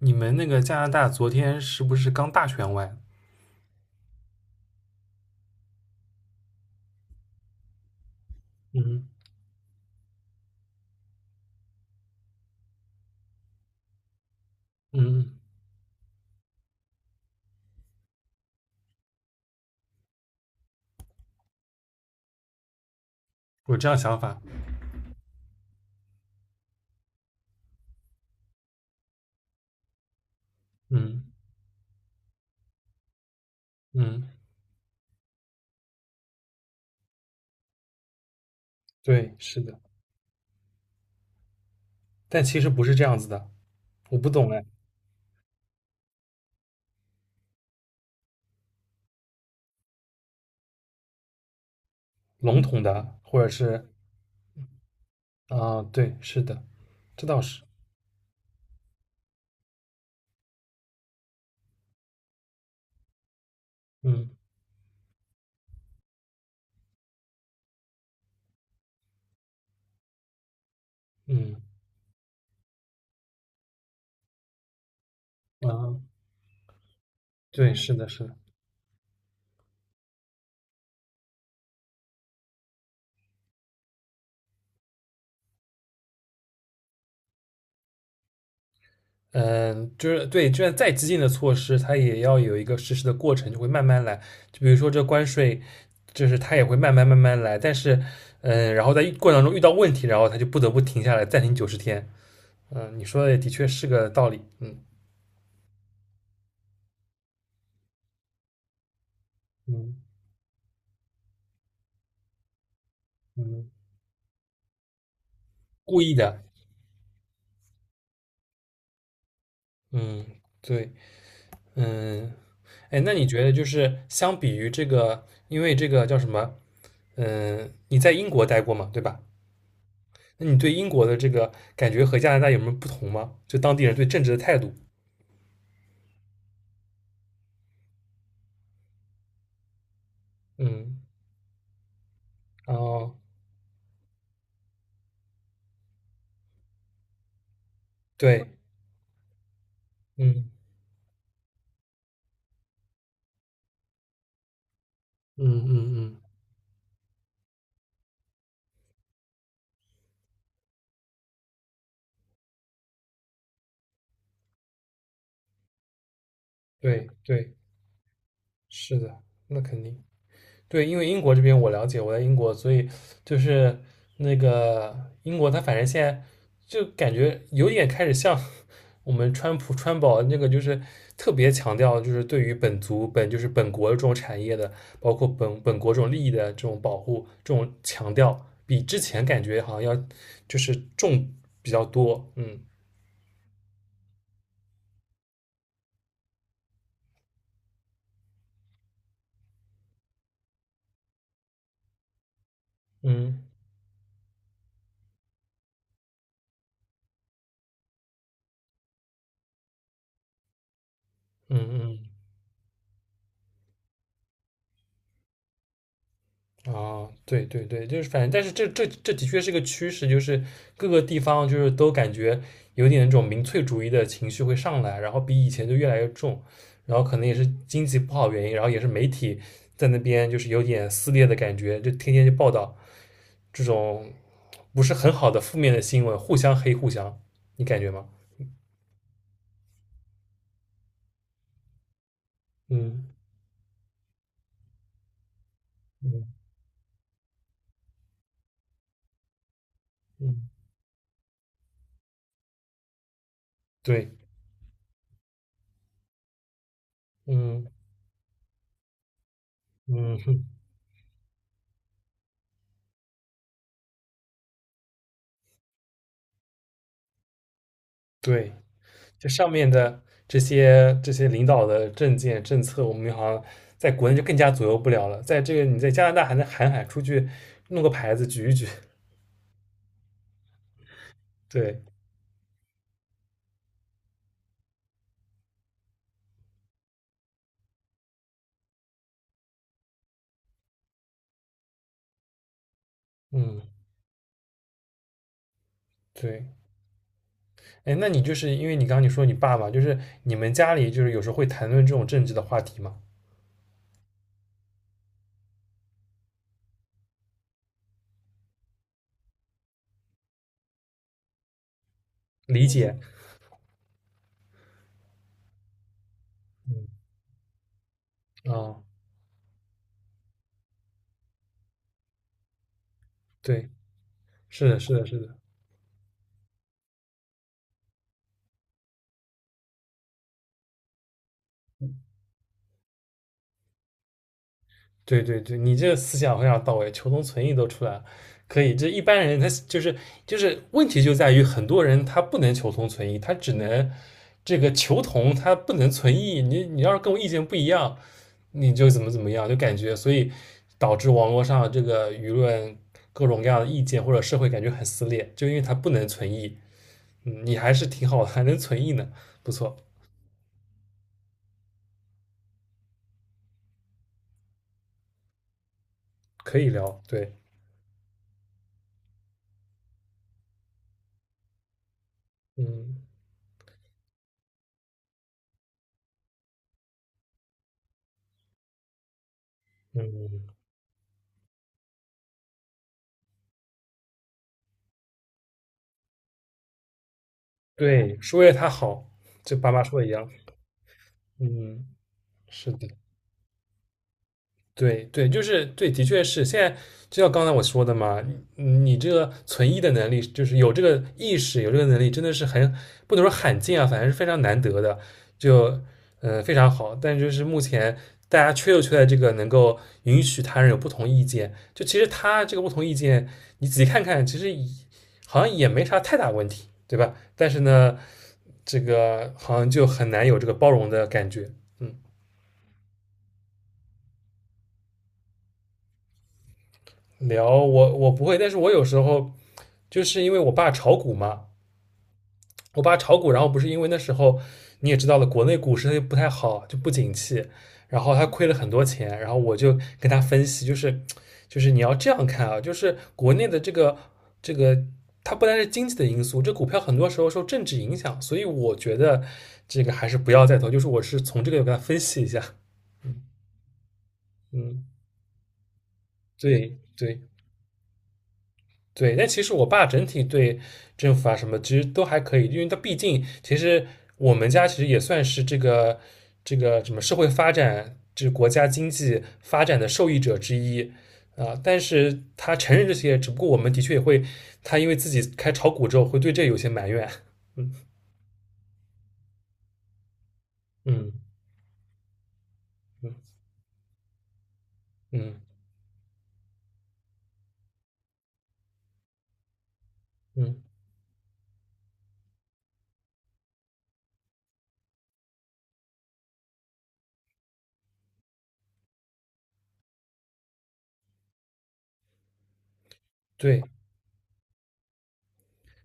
你们那个加拿大昨天是不是刚大选完？嗯。嗯，我这样想法。嗯。嗯，对，是的，但其实不是这样子的，我不懂哎。笼统的，或者是啊，对，是的，这倒是。嗯。嗯。啊，对，是的，是的。嗯，就是对，就算再激进的措施，它也要有一个实施的过程，就会慢慢来。就比如说这关税，就是它也会慢慢来，但是，嗯，然后在过程中遇到问题，然后它就不得不停下来，暂停90天。嗯，你说的也的确是个道理。嗯。嗯。嗯。故意的。嗯。对。嗯。哎，那你觉得就是相比于这个，因为这个叫什么？嗯，你在英国待过嘛，对吧？那你对英国的这个感觉和加拿大有没有不同吗？就当地人对政治的态度？嗯。哦。对。嗯。嗯。嗯。嗯，对对，是的，那肯定。对，因为英国这边我了解，我在英国，所以就是那个英国，它反正现在就感觉有点开始像我们川普川宝那个，就是特别强调就是对于本族本就是本国这种产业的，包括本国这种利益的这种保护，这种强调比之前感觉好像要就是比较多。嗯。嗯。嗯。嗯。啊，对对对，就是反正，但是这的确是个趋势，就是各个地方就是都感觉有点那种民粹主义的情绪会上来，然后比以前就越来越重，然后可能也是经济不好原因，然后也是媒体在那边就是有点撕裂的感觉，就天天就报道这种不是很好的负面的新闻，互相黑互相，你感觉吗？嗯。嗯。嗯。对。嗯。嗯哼。对。这上面的这些领导的政见政策，我们好像在国内就更加左右不了了。在这个你在加拿大还能喊喊出去，弄个牌子举一举。对。嗯。对。哎，那你就是因为你刚刚你说你爸爸，就是你们家里就是有时候会谈论这种政治的话题嘛？理解。嗯。啊、对，是的，是的，是的。对对对，你这个思想非常到位，求同存异都出来了，可以。这一般人他就是就是问题就在于很多人他不能求同存异，他只能这个求同，他不能存异。你要是跟我意见不一样，你就怎么怎么样，就感觉所以导致网络上这个舆论各种各样的意见或者社会感觉很撕裂，就因为他不能存异。嗯，你还是挺好的，还能存异呢，不错。可以聊。对。嗯。嗯。对，说为他好，就爸妈说的一样。嗯。是的。对对，就是对，的确是现在，就像刚才我说的嘛，你这个存疑的能力，就是有这个意识，有这个能力，真的是很不能说罕见啊，反正是非常难得的，就非常好。但就是目前大家就缺在这个能够允许他人有不同意见，就其实他这个不同意见，你仔细看看，其实也好像也没啥太大问题，对吧？但是呢，这个好像就很难有这个包容的感觉。嗯。聊我不会，但是我有时候就是因为我爸炒股嘛，我爸炒股，然后不是因为那时候你也知道了，国内股市它就不太好，就不景气，然后他亏了很多钱，然后我就跟他分析，就是你要这样看啊，就是国内的这个这个。它不单是经济的因素，这股票很多时候受政治影响，所以我觉得这个还是不要再投。就是我是从这个给他分析一下。嗯。嗯。对对。对，但其实我爸整体对政府啊什么其实都还可以，因为他毕竟其实我们家其实也算是这个什么社会发展，这国家经济发展的受益者之一啊、但是他承认这些，只不过我们的确也会，他因为自己开炒股之后会对这有些埋怨。嗯。嗯。嗯。嗯。嗯。对。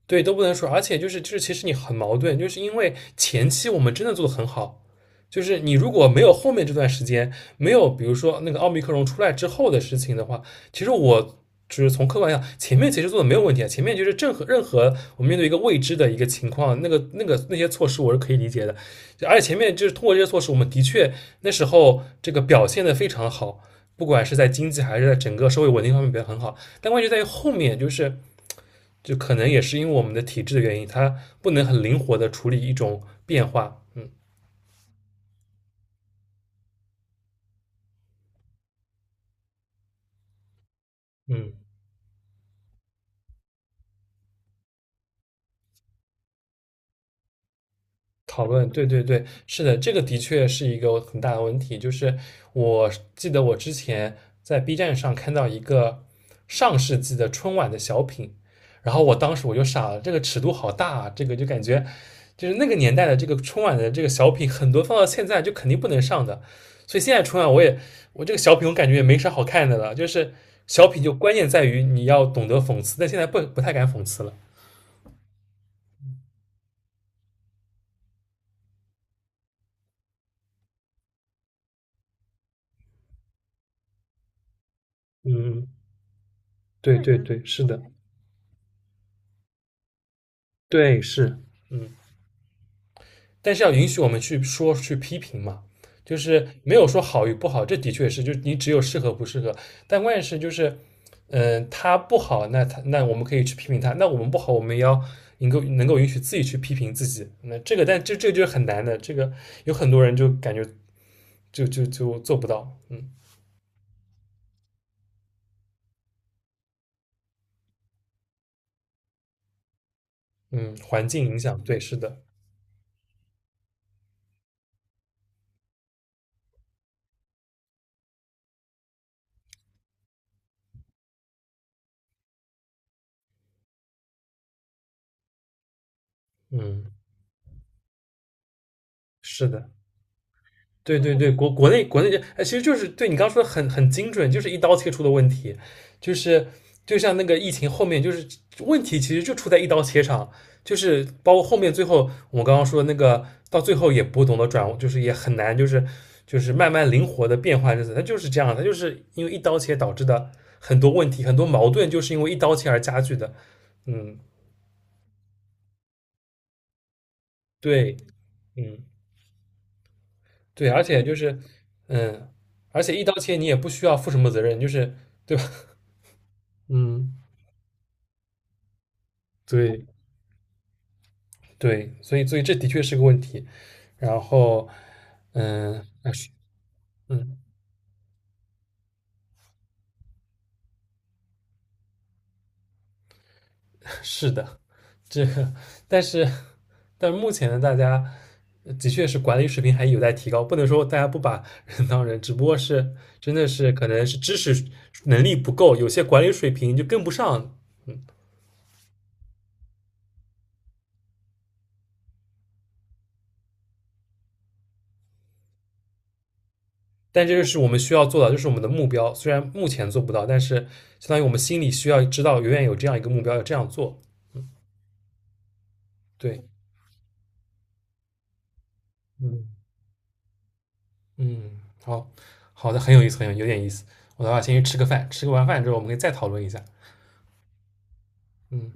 对，都不能说，而且就是，其实你很矛盾，就是因为前期我们真的做的很好，就是你如果没有后面这段时间，没有比如说那个奥密克戎出来之后的事情的话，其实我就是从客观上，前面其实做的没有问题啊，前面就是任何我们面对一个未知的一个情况，那个那些措施我是可以理解的，而且前面就是通过这些措施，我们的确那时候这个表现的非常好，不管是在经济还是在整个社会稳定方面表现很好，但问题在于后面就是。就可能也是因为我们的体质的原因，它不能很灵活的处理一种变化。嗯。嗯。讨论，对对对，是的，这个的确是一个很大的问题。就是我记得我之前在 B 站上看到一个上世纪的春晚的小品，然后我当时我就傻了，这个尺度好大啊，这个就感觉就是那个年代的这个春晚的这个小品，很多放到现在就肯定不能上的。所以现在春晚我也我这个小品我感觉也没啥好看的了，就是小品就关键在于你要懂得讽刺，但现在不太敢讽刺了。嗯。对对对是的，对是。嗯。但是要允许我们去说去批评嘛，就是没有说好与不好，这的确是，就你只有适合不适合。但关键是就是，嗯、他不好，那他那我们可以去批评他，那我们不好，我们也要能够允许自己去批评自己。那这个，但这个就是很难的，这个有很多人就感觉就做不到。嗯。嗯，环境影响，对，是的。嗯。是的。对对对，国内就，哎，其实就是对你刚刚说的很精准，就是一刀切出的问题，就是就像那个疫情后面，就是问题其实就出在一刀切上，就是包括后面最后我刚刚说的那个，到最后也不懂得转，就是也很难，就是就是慢慢灵活的变换日子，它就是这样，它就是因为一刀切导致的很多问题，很多矛盾就是因为一刀切而加剧的。嗯。对。嗯。对，而且就是，嗯，而且一刀切你也不需要负什么责任，就是对吧？嗯。对。对，所以所以这的确是个问题。然后，嗯，啊是，嗯，是的，这个，但是但是目前呢，大家的确是管理水平还有待提高，不能说大家不把人当人，只不过是真的是可能是知识能力不够，有些管理水平就跟不上但这就是我们需要做的，就是我们的目标。虽然目前做不到，但是相当于我们心里需要知道，永远有这样一个目标，要这样做。对。嗯。嗯。好，好的，很有意思，很有有点意思。我的话，先去吃个饭，吃个完饭之后，我们可以再讨论一下。嗯，